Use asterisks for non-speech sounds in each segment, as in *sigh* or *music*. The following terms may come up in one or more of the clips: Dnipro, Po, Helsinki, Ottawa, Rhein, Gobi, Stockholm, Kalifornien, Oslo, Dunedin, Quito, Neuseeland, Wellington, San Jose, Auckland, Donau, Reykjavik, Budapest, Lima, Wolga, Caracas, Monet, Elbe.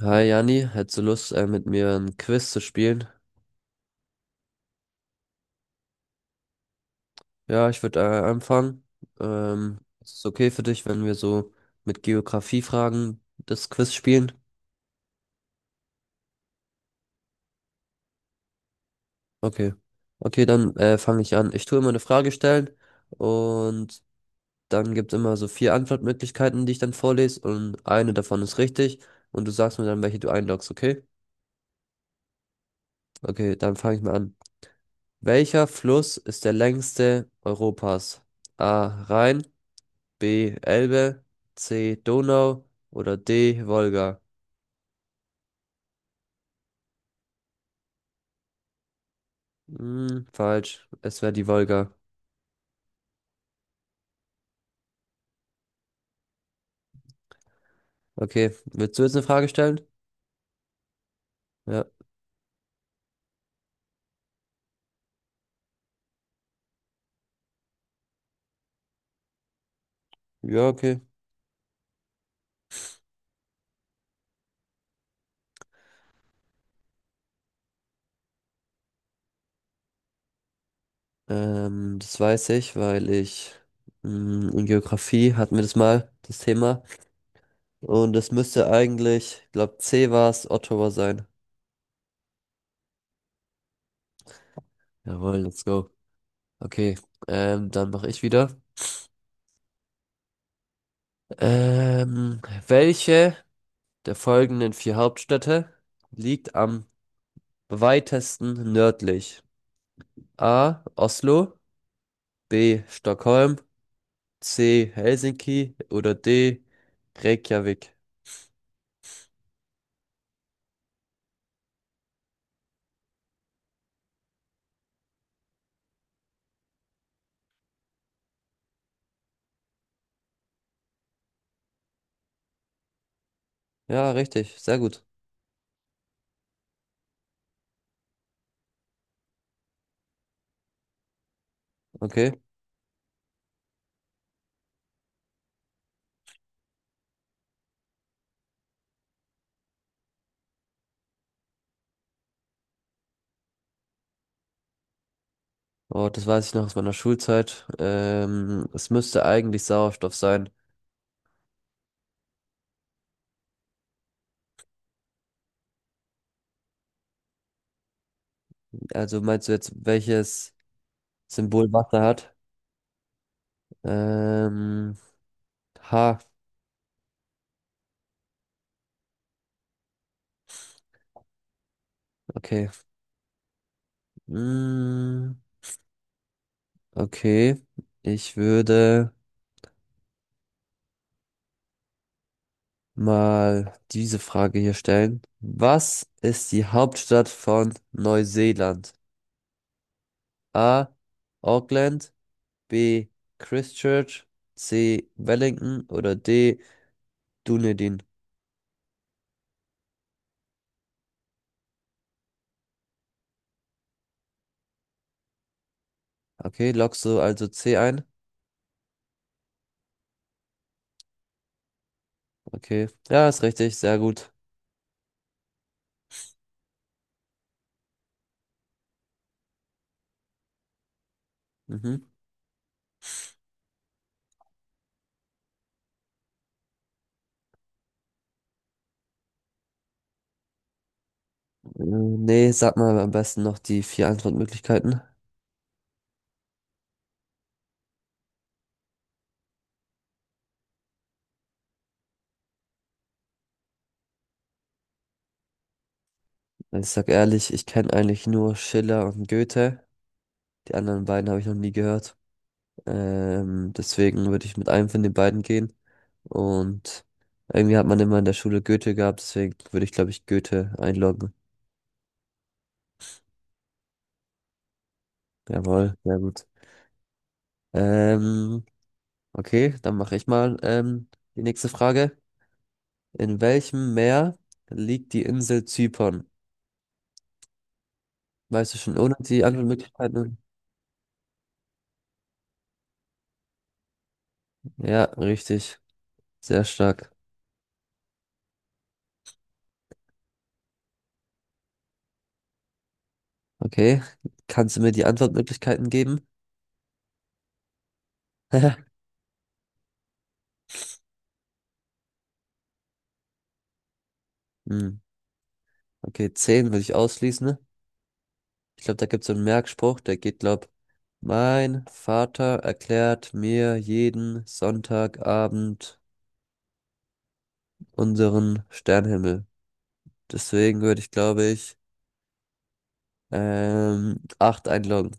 Hi Jani, hättest du Lust, mit mir ein Quiz zu spielen? Ja, ich würde anfangen. Ist es okay für dich, wenn wir so mit Geografiefragen das Quiz spielen? Okay. Okay, dann fange ich an. Ich tue immer eine Frage stellen und dann gibt es immer so vier Antwortmöglichkeiten, die ich dann vorlese und eine davon ist richtig und du sagst mir dann, welche du einloggst, okay? Okay, dann fange ich mal an. Welcher Fluss ist der längste Europas? A. Rhein. B. Elbe, C. Donau oder D. Wolga? Hm, falsch. Es wäre die Wolga. Okay, willst du jetzt eine Frage stellen? Ja. Ja, okay. Das weiß ich, weil ich in Geografie hatten wir das mal, das Thema. Und es müsste eigentlich, ich glaube, C war es, Ottawa sein. Jawohl, let's go. Okay, dann mache ich wieder. Ähm, Welche der folgenden vier Hauptstädte liegt am weitesten nördlich? A. Oslo, B. Stockholm, C. Helsinki oder D. Reykjavik? Ja, richtig, sehr gut. Okay. Oh, das weiß ich noch aus meiner Schulzeit. Es müsste eigentlich Sauerstoff sein. Also meinst du jetzt, welches Symbol Wasser hat? Ähm, H. Okay. Mm, okay. Ich würde mal diese Frage hier stellen. Was ist die Hauptstadt von Neuseeland? A. Auckland, B. Christchurch, C. Wellington oder D. Dunedin. Okay, loggst du also C ein? Okay, ja, ist richtig, sehr gut. Mhm. Nee, sag mal am besten noch die vier Antwortmöglichkeiten. Ich sag ehrlich, ich kenne eigentlich nur Schiller und Goethe. Die anderen beiden habe ich noch nie gehört. Deswegen würde ich mit einem von den beiden gehen. Und irgendwie hat man immer in der Schule Goethe gehabt, deswegen würde ich, glaube ich, Goethe einloggen. Jawohl, sehr gut. Ähm, okay, dann mache ich mal die nächste Frage. In welchem Meer liegt die Insel Zypern? Weißt du schon, ohne die Antwortmöglichkeiten? Ja, richtig. Sehr stark. Okay, kannst du mir die Antwortmöglichkeiten geben? *laughs* Hm. Okay, 10 würde ich ausschließen. Ich glaube, da gibt es so einen Merkspruch, der geht, glaub, mein Vater erklärt mir jeden Sonntagabend unseren Sternenhimmel. Deswegen würde ich, glaube ich, acht einloggen.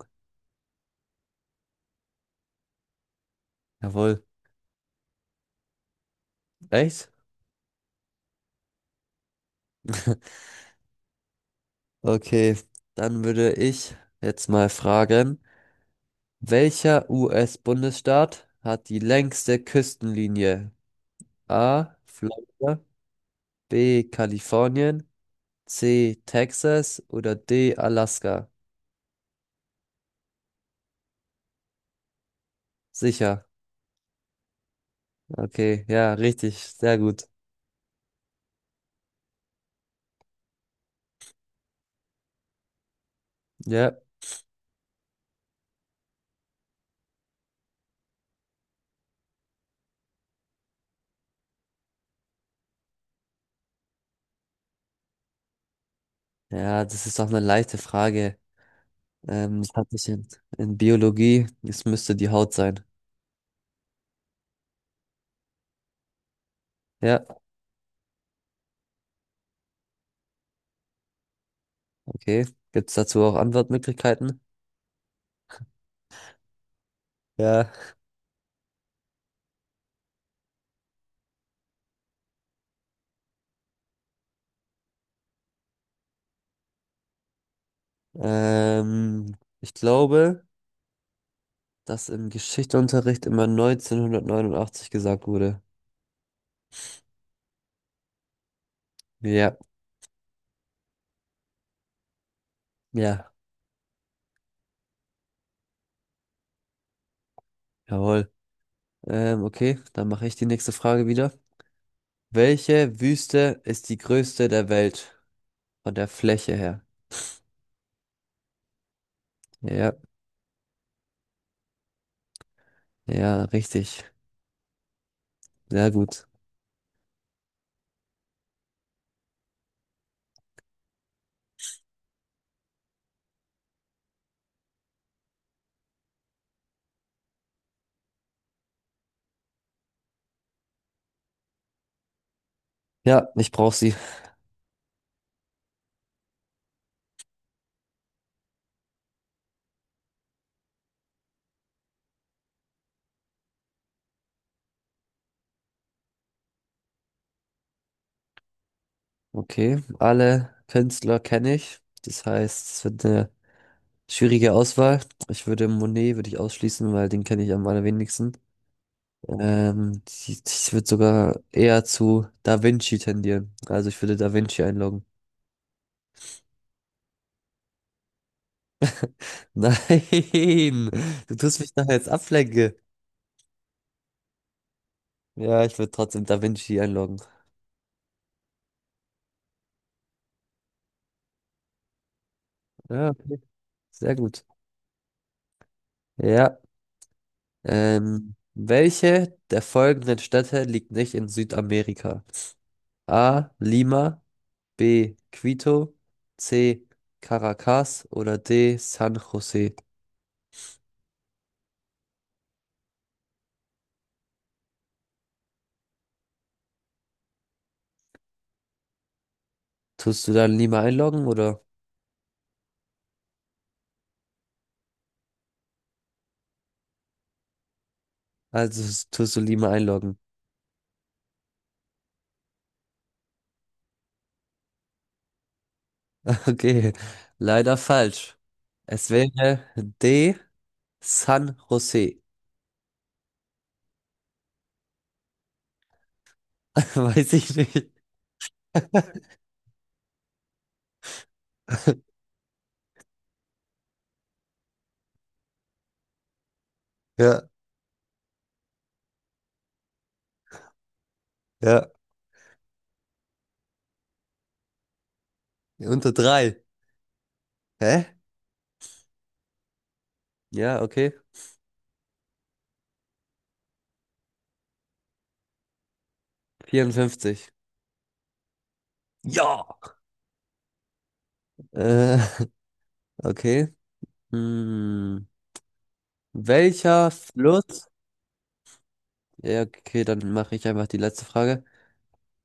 Jawohl. Echt? *laughs* Okay, dann würde ich jetzt mal fragen, welcher US-Bundesstaat hat die längste Küstenlinie? A. Florida, B. Kalifornien, C. Texas oder D. Alaska? Sicher. Okay, ja, richtig, sehr gut. Ja, ja, das ist auch eine leichte Frage. Das hatte ich in Biologie. Es müsste die Haut sein. Ja, okay. Gibt es dazu auch Antwortmöglichkeiten? Ja. Ich glaube, dass im Geschichtsunterricht immer 1989 gesagt wurde. Ja, ja, jawohl. Okay, dann mache ich die nächste Frage wieder. Welche Wüste ist die größte der Welt von der Fläche her? Ja, ja, richtig. Sehr gut. Ja, ich brauche sie. Okay, alle Künstler kenne ich. Das heißt, es wird eine schwierige Auswahl. Ich würde Monet würde ich ausschließen, weil den kenne ich am allerwenigsten. Ich, würde sogar eher zu Da Vinci tendieren. Also ich würde Da Vinci einloggen. *laughs* Nein, du tust mich nachher jetzt ablenken. Ja, ich würde trotzdem Da Vinci einloggen. Ja, okay. Sehr gut. Ja. Welche der folgenden Städte liegt nicht in Südamerika? A. Lima. B. Quito, C. Caracas oder D. San Jose. Tust du dann Lima einloggen oder? Also tust du Lima einloggen. *laughs* Okay, leider falsch. Es wäre D. San Jose. *laughs* Weiß ich nicht. *laughs* Ja, ja. Unter drei. Hä? Ja, okay. 54. Ja. Äh, *laughs* okay. Hm. Welcher Fluss? Ja, okay, dann mache ich einfach die letzte Frage.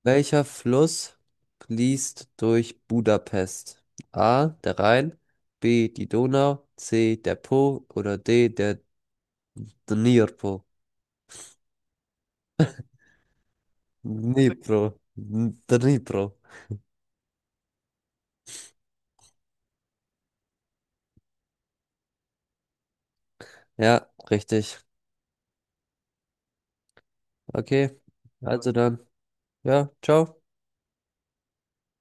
Welcher Fluss fließt durch Budapest? A, der Rhein, B, die Donau, C, der Po oder D, der Dnipro. Also, Dnipro. Dnipro. Ja, richtig. Okay, also dann. Ja, ciao.